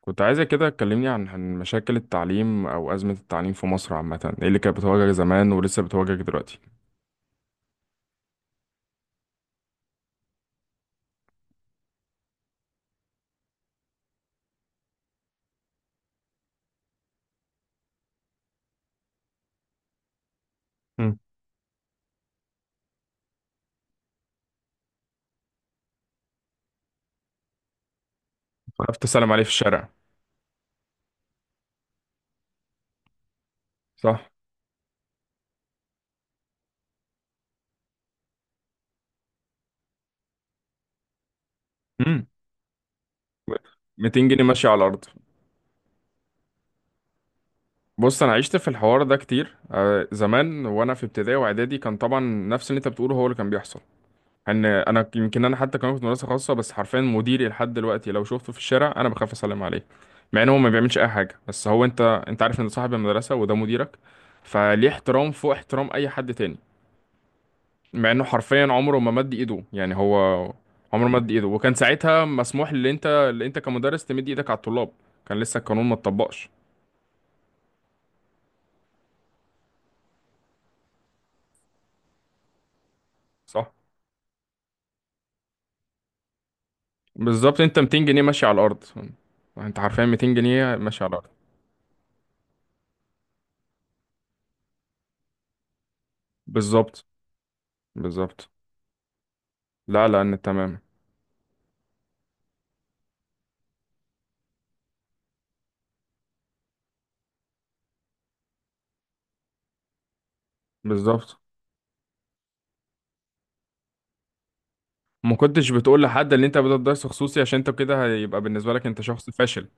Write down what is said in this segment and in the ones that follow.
كنت عايزة كده تكلمني عن مشاكل التعليم أو أزمة التعليم في مصر عامة، إيه اللي كانت بتواجهك زمان ولسه بتواجهك دلوقتي؟ مم. عرفت تسلم عليه في الشارع؟ صح. مم. 200 جنيه ماشية على الأرض. بص، أنا عشت في الحوار ده كتير، زمان وأنا في ابتدائي وإعدادي، كان طبعا نفس اللي أنت بتقوله هو اللي كان بيحصل. إن أنا يمكن أنا حتى كمان كنت مدرسة خاصة، بس حرفيا مديري لحد دلوقتي لو شفته في الشارع أنا بخاف أسلم عليه، مع إن هو ما بيعملش أي حاجة، بس هو أنت عارف إن ده صاحب المدرسة وده مديرك، فليه احترام فوق احترام أي حد تاني، مع انه حرفيا عمره ما مد ايده، يعني هو عمره ما مد ايده، وكان ساعتها مسموح اللي انت كمدرس تمد ايدك على الطلاب، كان لسه القانون ما اتطبقش. صح. بالظبط، انت 200 جنيه ماشي على الارض، انت حرفيا 200 جنيه ماشي على الارض. بالظبط. بالظبط. لا لا، ان تمام. بالظبط. ما كنتش بتقول لحد ان انت بدأت درس خصوصي، عشان انت كده هيبقى بالنسبه لك انت شخص فاشل.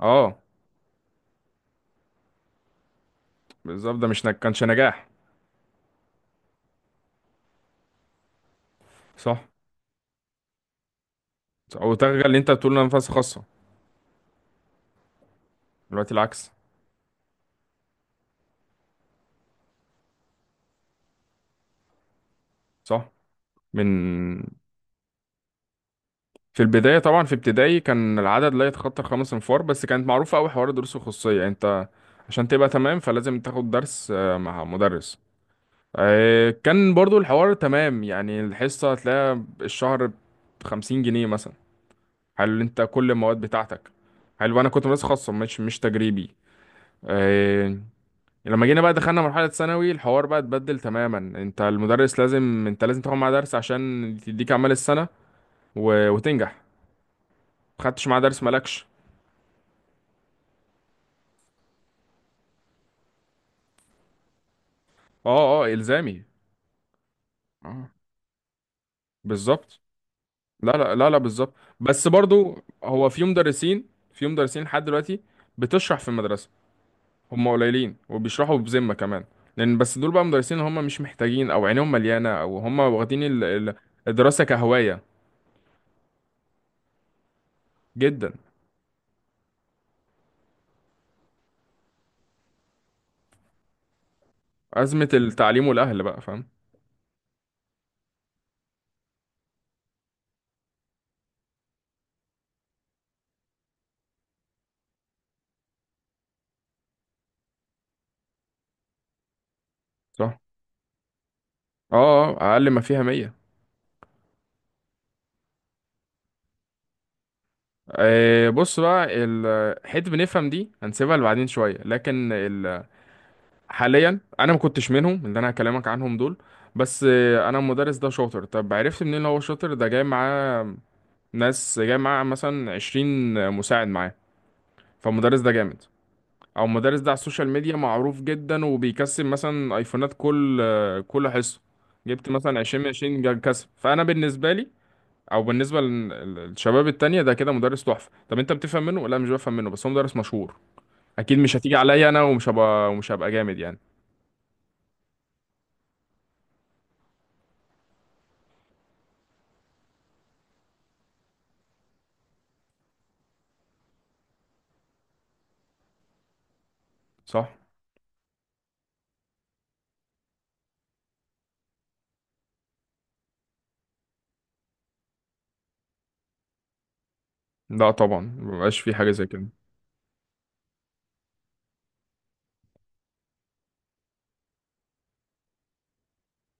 اه، بالظبط، ده مش كانش نجاح. صح. او تغير اللي انت بتقول انا مدرسه خاصه. دلوقتي العكس. صح. من في البداية طبعا في ابتدائي كان العدد لا يتخطى الخمس انفار، بس كانت معروفة أوي حوار الدروس الخصوصية، يعني انت عشان تبقى تمام فلازم تاخد درس مع مدرس. كان برضو الحوار تمام، يعني الحصة هتلاقيها الشهر بخمسين جنيه مثلا. حلو، انت كل المواد بتاعتك. حلو، انا كنت مدرسة خاصة، مش تجريبي. آه، لما جينا بقى دخلنا مرحلة ثانوي الحوار بقى اتبدل تماما، انت المدرس لازم انت لازم تاخد معاه درس عشان تديك اعمال السنة وتنجح، خدتش معاه درس مالكش. اه اه، الزامي. اه، بالظبط. لا لا لا لا، بالظبط. بس برضو، هو في مدرسين لحد دلوقتي بتشرح في المدرسه، هم قليلين وبيشرحوا بذمه كمان، لان بس دول بقى مدرسين هم مش محتاجين او عينيهم مليانه او هم واخدين الدراسه كهوايه، جدا. ازمه التعليم والاهل بقى فاهم. صح. اه اه، اقل ما فيها 100. بص بقى، حته بنفهم دي هنسيبها لبعدين شويه، لكن حاليا انا ما كنتش منهم، اللي انا هكلمك عنهم دول بس انا المدرس ده شاطر، طب عرفت منين إن هو شاطر؟ ده جاي معاه ناس جاي معاه مثلا 20 مساعد معاه، فالمدرس ده جامد، او المدرس ده على السوشيال ميديا معروف جدا وبيكسب مثلا ايفونات كل كل حصه، جبت مثلا 20 من 20، كسب، فانا بالنسبه لي او بالنسبه للشباب التانية ده كده مدرس تحفه. طب انت بتفهم منه؟ لا مش بفهم منه، بس هو مدرس مشهور، اكيد مش هتيجي عليا انا ومش هبقى جامد يعني. صح. لا طبعا، مبقاش في حاجة زي كده.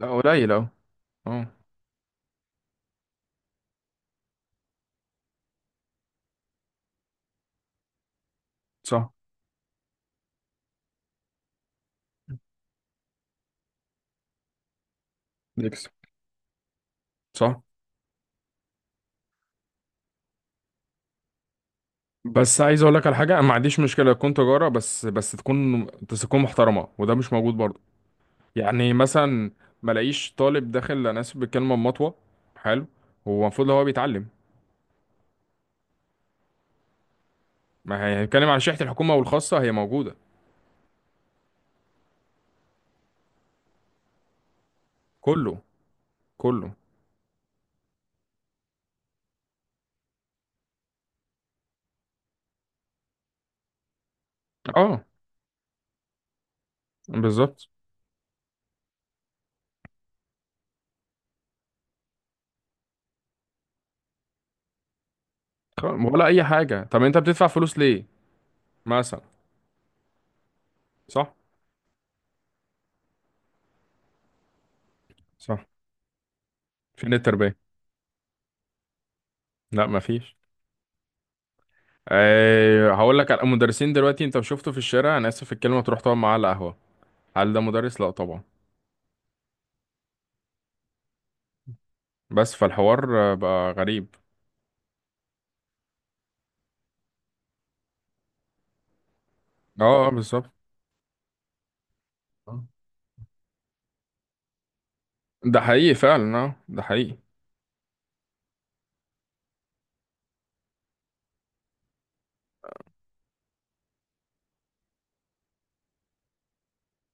لا قليل أوي. اه. صح. يكسب. صح. بس عايز اقول لك على حاجه، انا ما عنديش مشكله تكون تجاره، بس تكون تكون محترمه، وده مش موجود برضه. يعني مثلا ما الاقيش طالب داخل، انا اسف بالكلمه، مطوه. حلو. هو المفروض هو بيتعلم. ما هنتكلم عن شحت، الحكومه والخاصه هي موجوده. كله. كله. اه، بالظبط. ولا اي حاجه، طب انت بتدفع فلوس ليه؟ مثلا. صح. صح. فين التربيه؟ لا ما فيش. أه، هقول لك على المدرسين دلوقتي، انت شفته في الشارع، انا اسف في الكلمه، تروح تقعد معاه على قهوه، هل ده مدرس؟ لا طبعا. بس فالحوار بقى غريب. اه، بالظبط. آه. ده حقيقي فعلا، اه، ده حقيقي.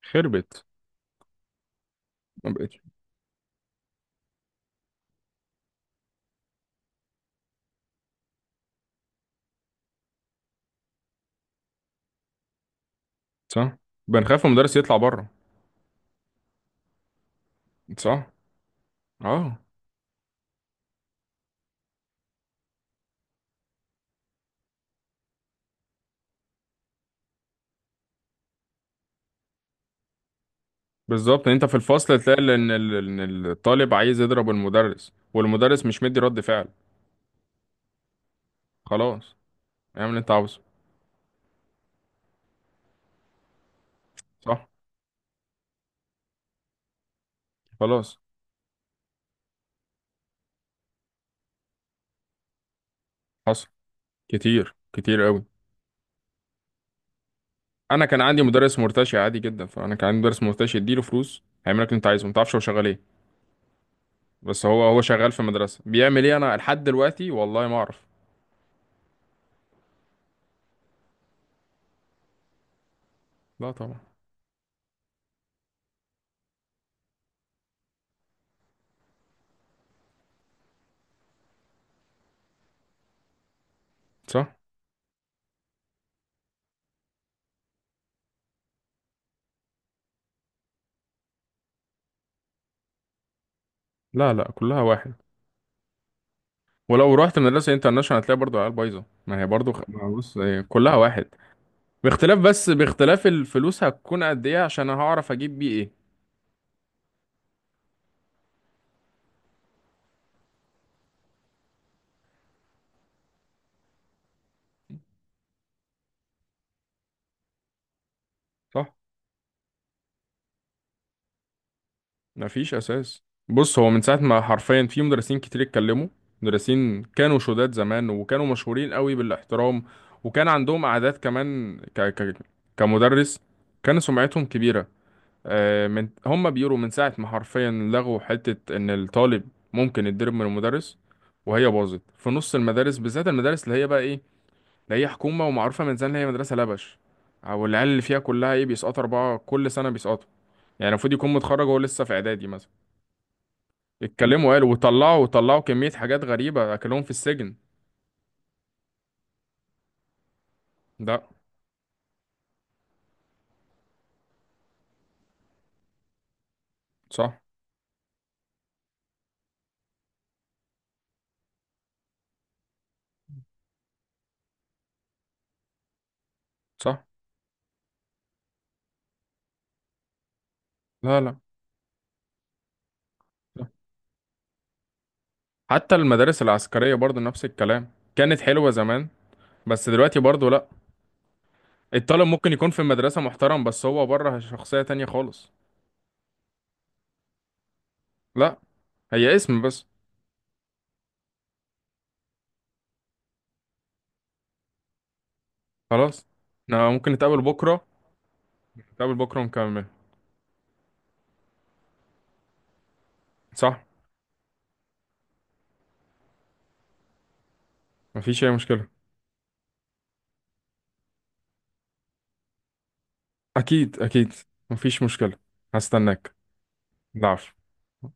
خربت. ما بقتش. صح. بنخاف من المدرس يطلع بره. صح. اه. بالظبط، انت في الفصل تلاقي ان الطالب عايز يضرب المدرس والمدرس مش مدي رد فعل. خلاص. اعمل اللي انت عاوزه. صح. خلاص. حصل، كتير كتير قوي. انا كان عندي مدرس مرتشي عادي جدا، فانا كان عندي مدرس مرتشي اديله فلوس هيعمل لك اللي انت عايزه، ما تعرفش هو شغال ايه، بس هو شغال في مدرسه بيعمل ايه انا لحد دلوقتي والله ما اعرف. لا طبعا. صح. لا لا، كلها واحد. ولو رحت مدرسه انترناشونال هتلاقي برضه عيال بايظه، ما هي برضه ما بص إيه، كلها واحد، باختلاف، بس باختلاف الفلوس هتكون قد ايه عشان هعرف اجيب بيه ايه. صح. مفيش اساس. بص، هو من ساعه ما حرفيا في مدرسين كتير اتكلموا، مدرسين كانوا شداد زمان وكانوا مشهورين قوي بالاحترام، وكان عندهم اعداد كمان كمدرس، كان سمعتهم كبيره. من هم بيقولوا من ساعه ما حرفيا لغوا حته ان الطالب ممكن يتضرب من المدرس، وهي باظت في نص المدارس، بالذات المدارس اللي هي بقى ايه، اللي هي حكومه ومعروفه من زمان، اللي هي مدرسه لبش، او العيال اللي فيها كلها ايه بيسقطوا اربعه كل سنه بيسقطوا، يعني المفروض يكون متخرج وهو لسه في اعدادي مثلا. اتكلموا قالوا وطلعوا كمية حاجات غريبة، أكلهم في السجن. ده. صح. صح. لا لا. صح. حتى المدارس العسكرية برضو نفس الكلام، كانت حلوة زمان، بس دلوقتي برضو لا. الطالب ممكن يكون في المدرسة محترم، بس هو بره شخصية تانية خالص. لا. هي اسم بس. خلاص. احنا ممكن نتقابل بكرة. نتقابل بكرة ونكمل. صح. مفيش أي مشكلة. أكيد أكيد. مفيش مشكلة. هستناك. ضعف.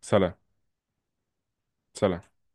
سلام. سلام.